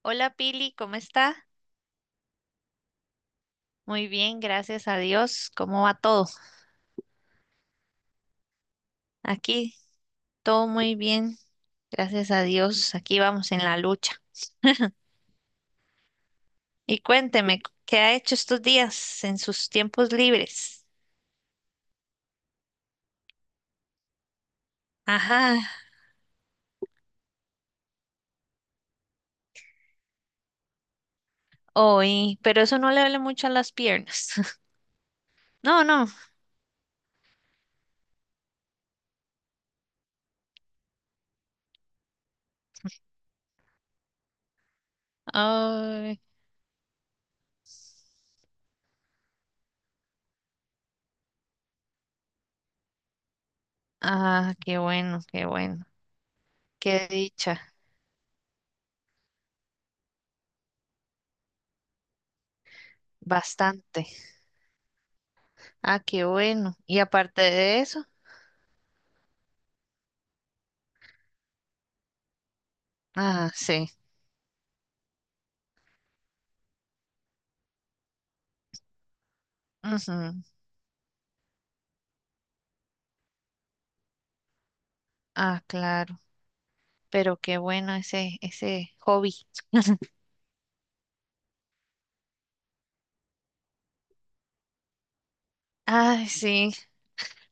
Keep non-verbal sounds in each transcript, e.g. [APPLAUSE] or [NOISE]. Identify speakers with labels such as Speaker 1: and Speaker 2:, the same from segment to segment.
Speaker 1: Hola Pili, ¿cómo está? Muy bien, gracias a Dios. ¿Cómo va todo? Aquí todo muy bien, gracias a Dios. Aquí vamos en la lucha. Y cuénteme, ¿qué ha hecho estos días en sus tiempos libres? Ajá, hoy, pero eso no le duele mucho a las piernas. [LAUGHS] No, no. Ay, ah, qué bueno, qué bueno. Qué dicha, bastante. Ah, qué bueno. Y aparte de eso, ah, sí, ujú. Ah, claro. Pero qué bueno ese hobby. Ay, sí.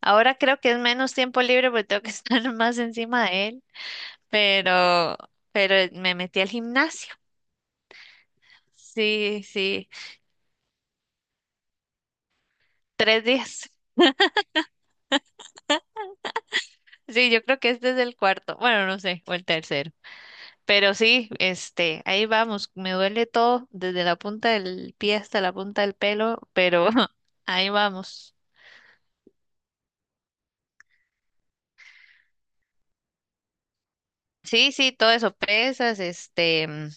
Speaker 1: Ahora creo que es menos tiempo libre porque tengo que [LAUGHS] estar más encima de él. Pero, pero me metí al gimnasio. Sí, sí. 3 días. Sí, yo creo que este es el cuarto. Bueno, no sé, o el tercero. Pero sí, este, ahí vamos. Me duele todo, desde la punta del pie hasta la punta del pelo, pero [LAUGHS] ahí vamos. Sí, sí, todo eso, pesas, este,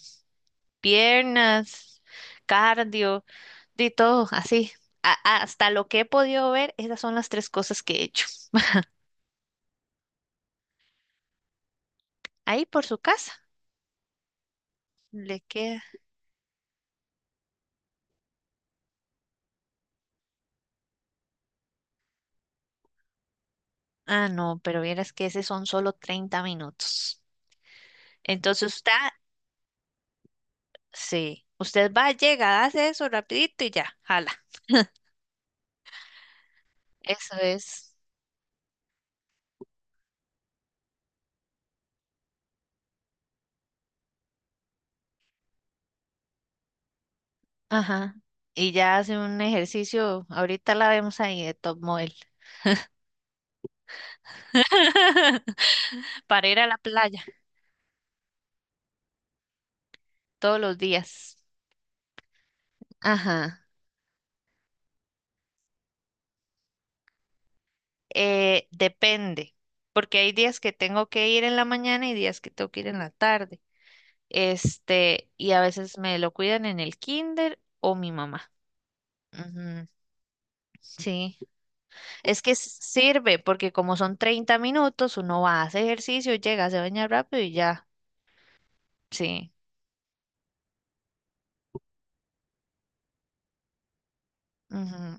Speaker 1: piernas, cardio. De todo, así. Hasta lo que he podido ver, esas son las tres cosas que he hecho. Ahí por su casa, le queda. Ah, no, pero vieras que ese son solo 30 minutos. Entonces usted, sí, usted va, llega, hace eso rapidito y ya, jala. Eso es. Ajá. Y ya hace un ejercicio, ahorita la vemos ahí de top model. [LAUGHS] Para ir a la playa todos los días. Ajá. Depende, porque hay días que tengo que ir en la mañana y días que tengo que ir en la tarde. Este, y a veces me lo cuidan en el kinder o mi mamá. Ujú, sí, es que sirve porque como son 30 minutos, uno va, hace ejercicio, llega, se baña rápido y ya. Sí, ujú,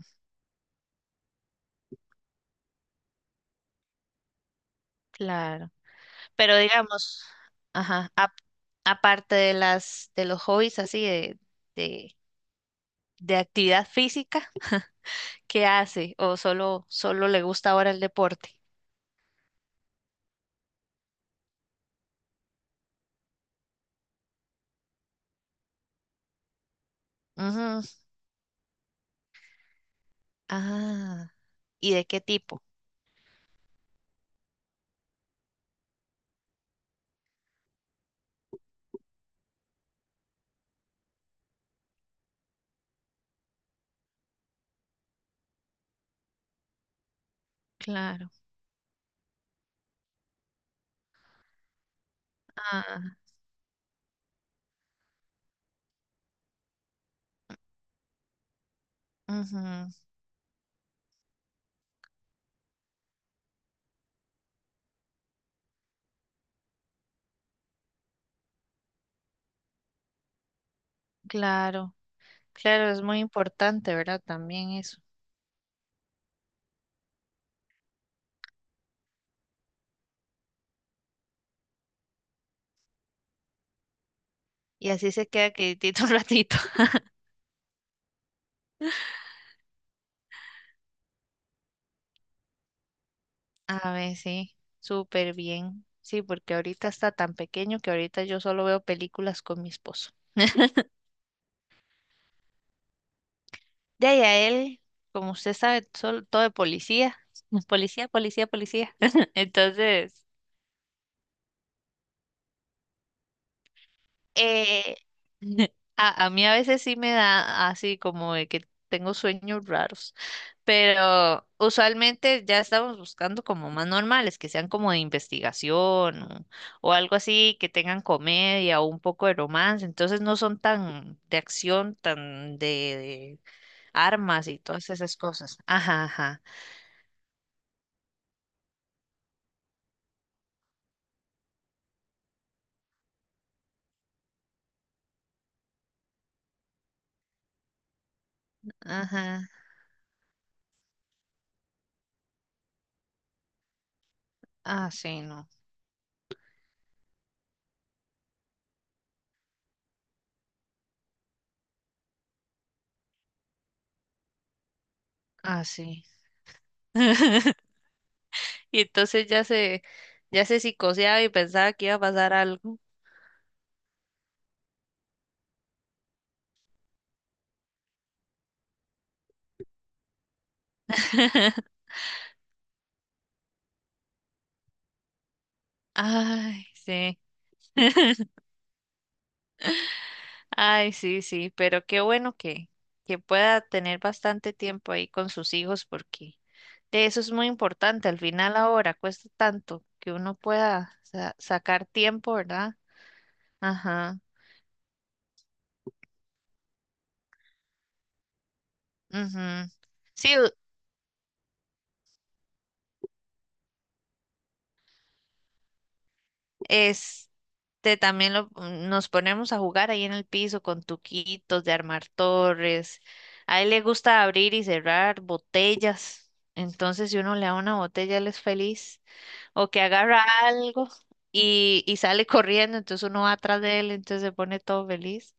Speaker 1: claro. Pero digamos, ajá, aparte de las de los hobbies así de, de actividad física, qué hace o solo le gusta ahora el deporte. Ujú. Ah, ¿y de qué tipo? Claro. Ah, ujú, claro. Claro, es muy importante, ¿verdad? También eso. Y así se queda quietito un ratito. [LAUGHS] A ver, sí, súper bien. Sí, porque ahorita está tan pequeño que ahorita yo solo veo películas con mi esposo. De ahí a él, como usted sabe, todo de policía. [LAUGHS] Policía, policía, policía. [LAUGHS] Entonces, Eh, [LAUGHS] a mí a veces sí me da así como de que tengo sueños raros, pero usualmente ya estamos buscando como más normales, que sean como de investigación o, algo así, que tengan comedia o un poco de romance, entonces no son tan de acción, tan de armas y todas esas cosas. Ajá, ajá, ajá, ah, sí, no, ah, sí. [LAUGHS] Y entonces ya se psicoseaba y pensaba que iba a pasar algo. [LAUGHS] Ay, sí. Ay, sí, sí, pero qué bueno que pueda tener bastante tiempo ahí con sus hijos porque de eso es muy importante. Al final ahora cuesta tanto que uno pueda sacar tiempo, ¿verdad? Ajá, ujú. Sí, este también lo, nos ponemos a jugar ahí en el piso con tuquitos de armar torres. A él le gusta abrir y cerrar botellas. Entonces, si uno le da una botella, él es feliz, o que agarra algo y sale corriendo, entonces uno va atrás de él, entonces se pone todo feliz.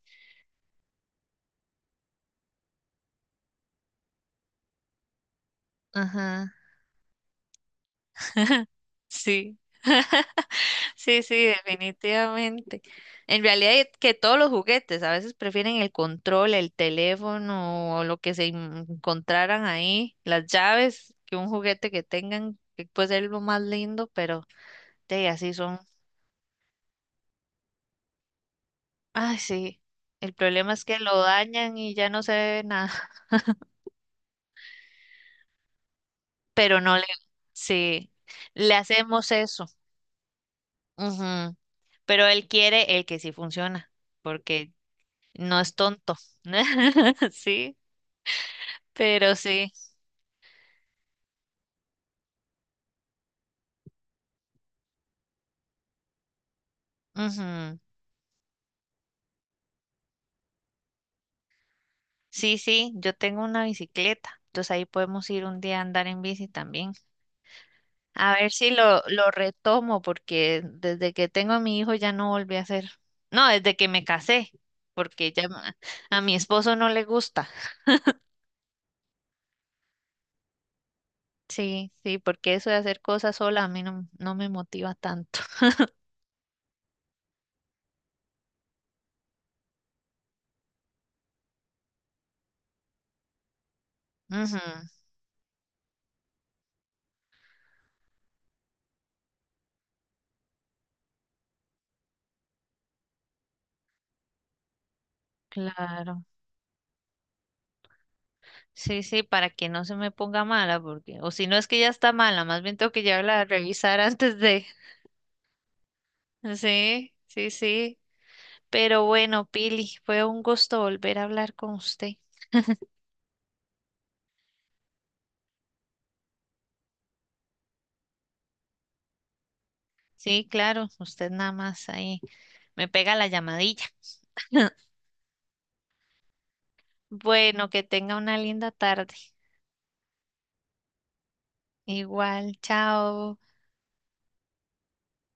Speaker 1: Ajá. Sí, sí, sí, definitivamente. En realidad es que todos los juguetes a veces prefieren el control, el teléfono o lo que se encontraran ahí, las llaves, que un juguete que tengan, que puede ser lo más lindo, pero de así son. Ay, sí. El problema es que lo dañan y ya no se ve nada, [LAUGHS] pero no le, sí, le hacemos eso. Ujú. Pero él quiere el que sí funciona, porque no es tonto. [LAUGHS] Sí, pero sí. Ujú. Sí, sí, yo tengo una bicicleta. Entonces ahí podemos ir un día a andar en bici también. A ver si lo retomo, porque desde que tengo a mi hijo ya no volví a hacer. No, desde que me casé, porque ya a mi esposo no le gusta. Sí, sí, porque eso de hacer cosas sola a mí no, no me motiva tanto. [LAUGHS] Ujú, claro. Sí, sí, para que no se me ponga mala, porque, o si no es que ya está mala, más bien tengo que llevarla a revisar [LAUGHS] antes de. Sí, sí, sí. Pero bueno, Pili, fue un gusto volver a hablar con usted. Sí, claro, usted nada más ahí me pega la llamadilla. [LAUGHS] Bueno, que tenga una linda tarde. Igual, chao.